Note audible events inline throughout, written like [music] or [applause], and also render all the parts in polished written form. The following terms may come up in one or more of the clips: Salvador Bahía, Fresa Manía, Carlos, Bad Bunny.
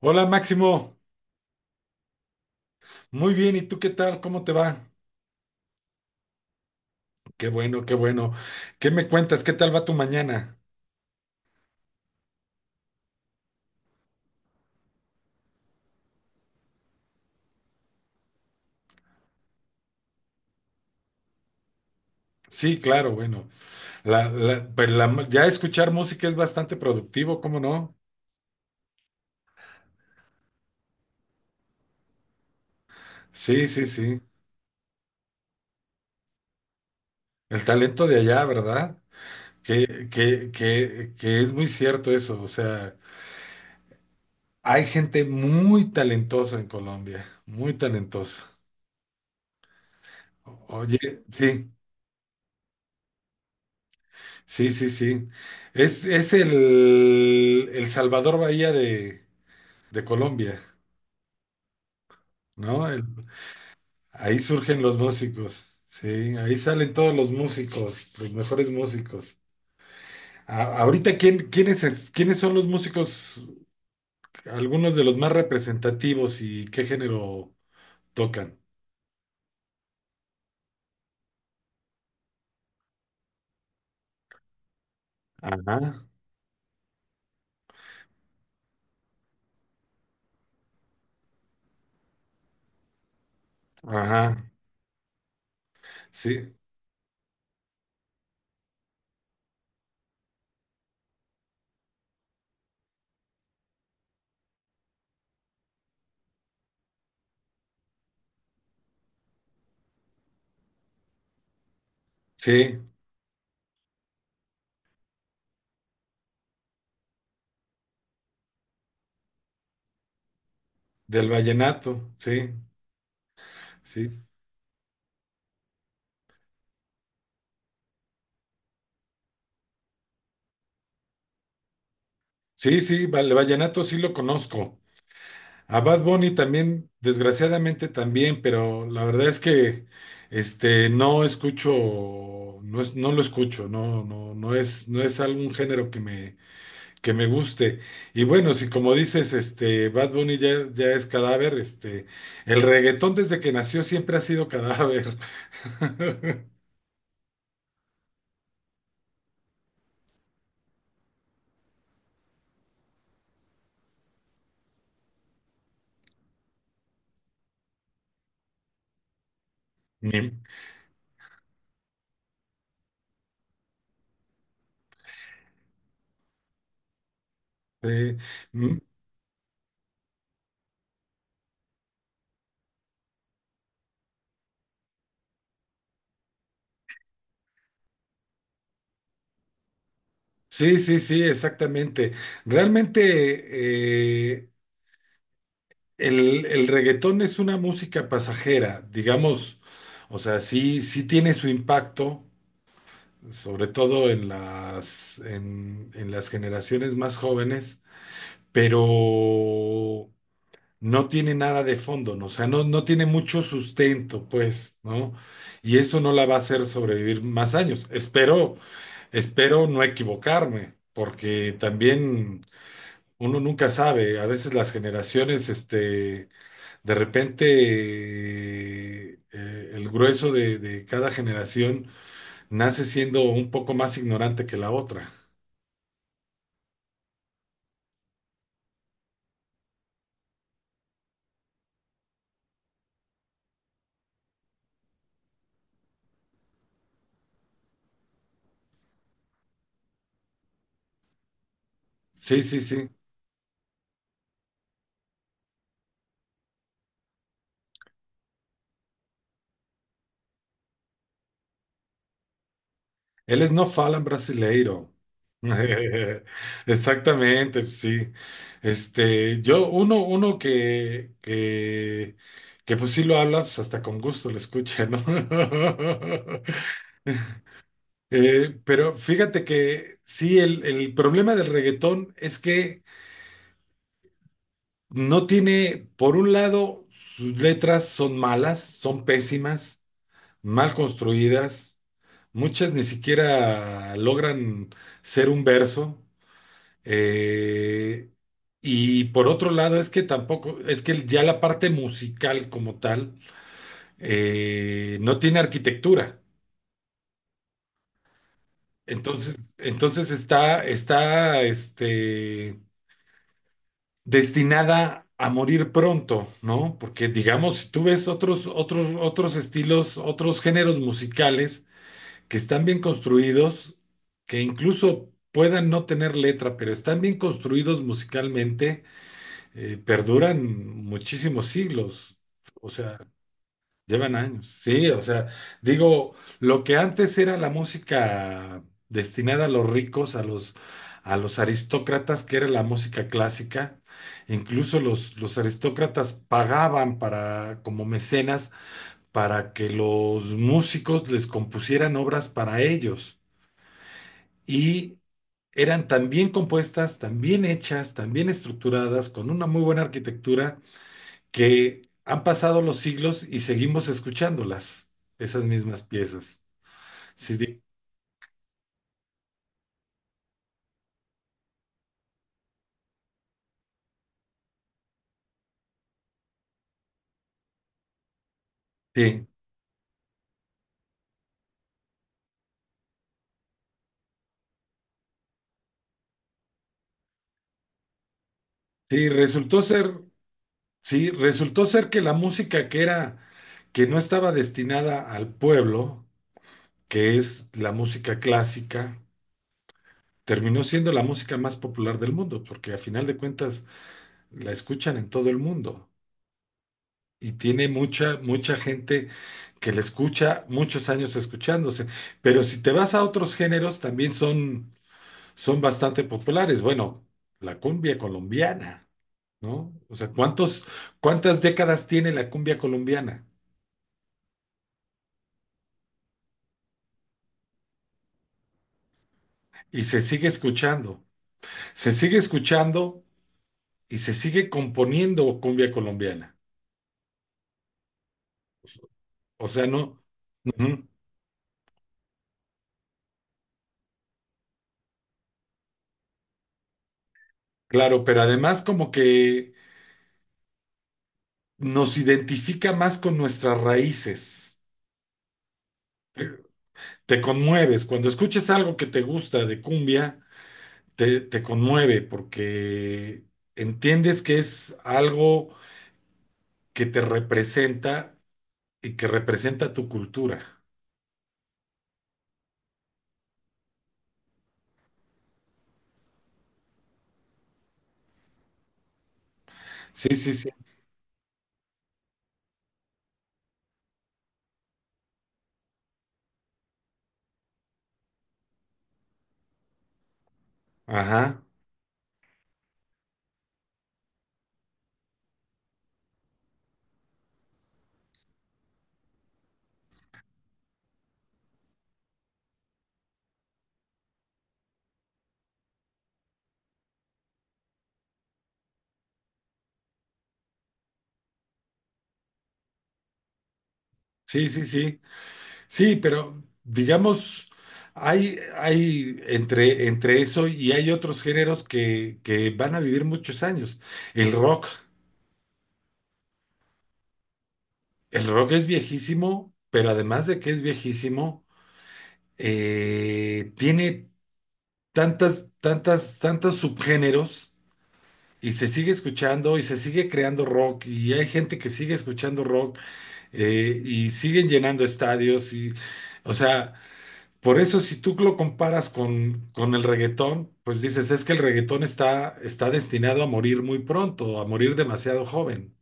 Hola Máximo, muy bien, ¿y tú qué tal? ¿Cómo te va? Qué bueno, qué bueno. ¿Qué me cuentas? ¿Qué tal va tu mañana? Sí, claro, bueno. Ya escuchar música es bastante productivo, ¿cómo no? Sí, sí, sí. El talento de allá, ¿verdad? Que es muy cierto eso. O sea, hay gente muy talentosa en Colombia, muy talentosa. Oye, sí, sí, sí, sí. El Salvador Bahía de Colombia, ¿no? Ahí surgen los músicos, sí, ahí salen todos los músicos, los mejores músicos. Ahorita, ¿ quiénes son los músicos, algunos de los más representativos y qué género tocan? Ajá, ajá, sí, sí, del vallenato, sí, sí, sí, sí, el vallenato sí lo conozco. A Bad Bunny también, desgraciadamente también, pero la verdad es que este no escucho, no lo escucho, no es algún género que que me guste. Y bueno, si como dices, este Bad Bunny ya es cadáver, este, el reggaetón desde que nació siempre ha sido cadáver. [laughs] Ni- eh, mm, sí, sí, sí, exactamente. Realmente, el reggaetón es una música pasajera, digamos, o sea, sí, sí tiene su impacto, sobre todo en en las generaciones más jóvenes, pero no tiene nada de fondo, ¿no? O sea, no, no tiene mucho sustento, pues, ¿no? Y eso no la va a hacer sobrevivir más años. Espero, espero no equivocarme, porque también uno nunca sabe, a veces las generaciones, este de repente, el grueso de cada generación nace siendo un poco más ignorante que la otra. Sí, sí, sí. Eles não falam brasileiro. [laughs] Exactamente, sí. Este, que pues sí lo habla, pues hasta con gusto lo escucha, ¿no? [laughs] Pero fíjate que sí, el problema del reggaetón es que no tiene, por un lado, sus letras son malas, son pésimas, mal construidas, muchas ni siquiera logran ser un verso. eh, y por otro lado, es que tampoco, es que ya la parte musical como tal no tiene arquitectura. Entonces está, está, este, destinada a morir pronto, ¿no? Porque digamos, si tú ves otros estilos, otros géneros musicales que están bien construidos, que incluso puedan no tener letra, pero están bien construidos musicalmente, perduran muchísimos siglos. O sea, llevan años, sí, o sea, digo, lo que antes era la música destinada a los ricos, a los aristócratas, que era la música clásica, incluso los aristócratas pagaban para, como mecenas, para que los músicos les compusieran obras para ellos. Y eran tan bien compuestas, tan bien hechas, tan bien estructuradas, con una muy buena arquitectura que han pasado los siglos y seguimos escuchándolas, esas mismas piezas. Sí, di- sí, sí, resultó ser, sí, resultó ser que la música que era, que no estaba destinada al pueblo, que es la música clásica, terminó siendo la música más popular del mundo, porque a final de cuentas la escuchan en todo el mundo. Y tiene mucha, mucha gente que la escucha muchos años escuchándose. Pero si te vas a otros géneros, también son, son bastante populares. Bueno, la cumbia colombiana, ¿no? O sea, ¿cuántas décadas tiene la cumbia colombiana? Y se sigue escuchando y se sigue componiendo cumbia colombiana. O sea, no, ujú, claro, pero además como que nos identifica más con nuestras raíces. Te, te conmueves, cuando escuchas algo que te gusta de cumbia, te conmueve porque entiendes que es algo que te representa y que representa tu cultura. Sí, sí, sí. Ajá. Sí, sí, sí. Sí, pero digamos, hay entre eso y hay otros géneros que van a vivir muchos años. El rock, el rock es viejísimo, pero además de que es viejísimo, tiene tantos subgéneros y se sigue escuchando y se sigue creando rock y hay gente que sigue escuchando rock y siguen llenando estadios y, o sea, por eso si tú lo comparas con el reggaetón, pues dices, es que el reggaetón está, está destinado a morir muy pronto, a morir demasiado joven.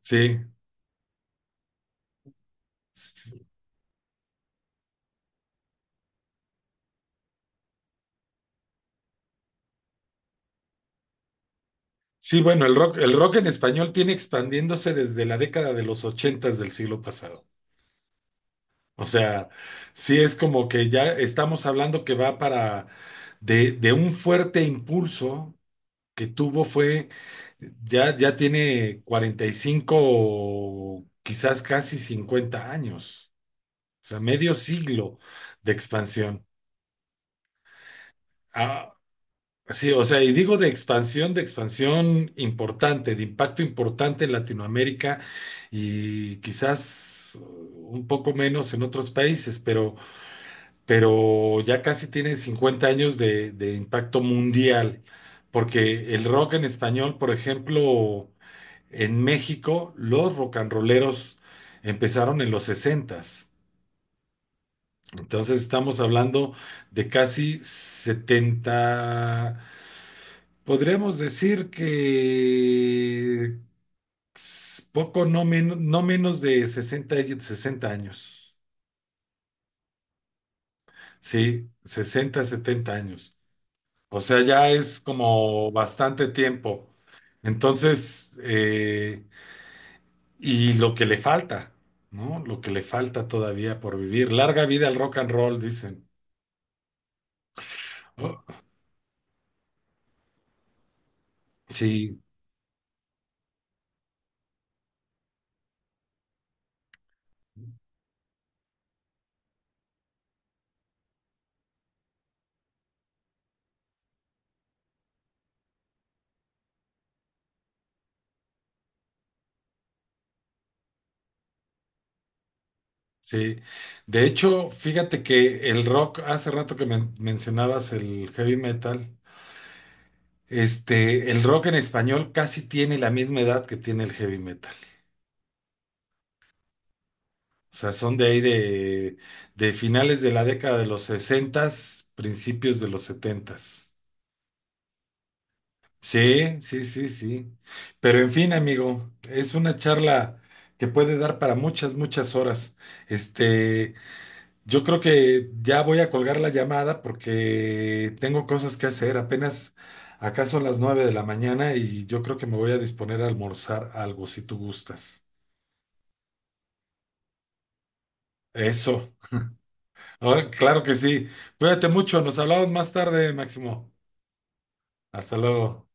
Sí. Sí, bueno, el rock en español tiene expandiéndose desde la década de los ochentas del siglo pasado. O sea, sí es como que ya estamos hablando que va para de un fuerte impulso que tuvo fue, ya, ya tiene 45, o quizás casi 50 años, o sea, medio siglo de expansión. Ah, sí, o sea, y digo de expansión importante, de impacto importante en Latinoamérica y quizás un poco menos en otros países, pero ya casi tiene 50 años de impacto mundial, porque el rock en español, por ejemplo, en México, los rock and rolleros empezaron en los 60. Entonces estamos hablando de casi 70, podríamos decir que s- poco, no, men- no menos de 60, 60 años. Sí, 60, 70 años. O sea, ya es como bastante tiempo. Entonces, y lo que le falta, ¿no? Lo que le falta todavía por vivir. Larga vida al rock and roll, dicen. Oh, sí, sí. De hecho, fíjate que el rock, hace rato que mencionabas el heavy metal, este, el rock en español casi tiene la misma edad que tiene el heavy metal. O sea, son de ahí de finales de la década de los sesentas, principios de los setentas. Sí, sí, sí, sí. Pero en fin, amigo, es una charla que puede dar para muchas, muchas horas. Este, yo creo que ya voy a colgar la llamada porque tengo cosas que hacer. Apenas acá son las 9 de la mañana y yo creo que me voy a disponer a almorzar algo, si tú gustas. Eso. Ahora, claro que sí. Cuídate mucho. Nos hablamos más tarde, Máximo. Hasta luego.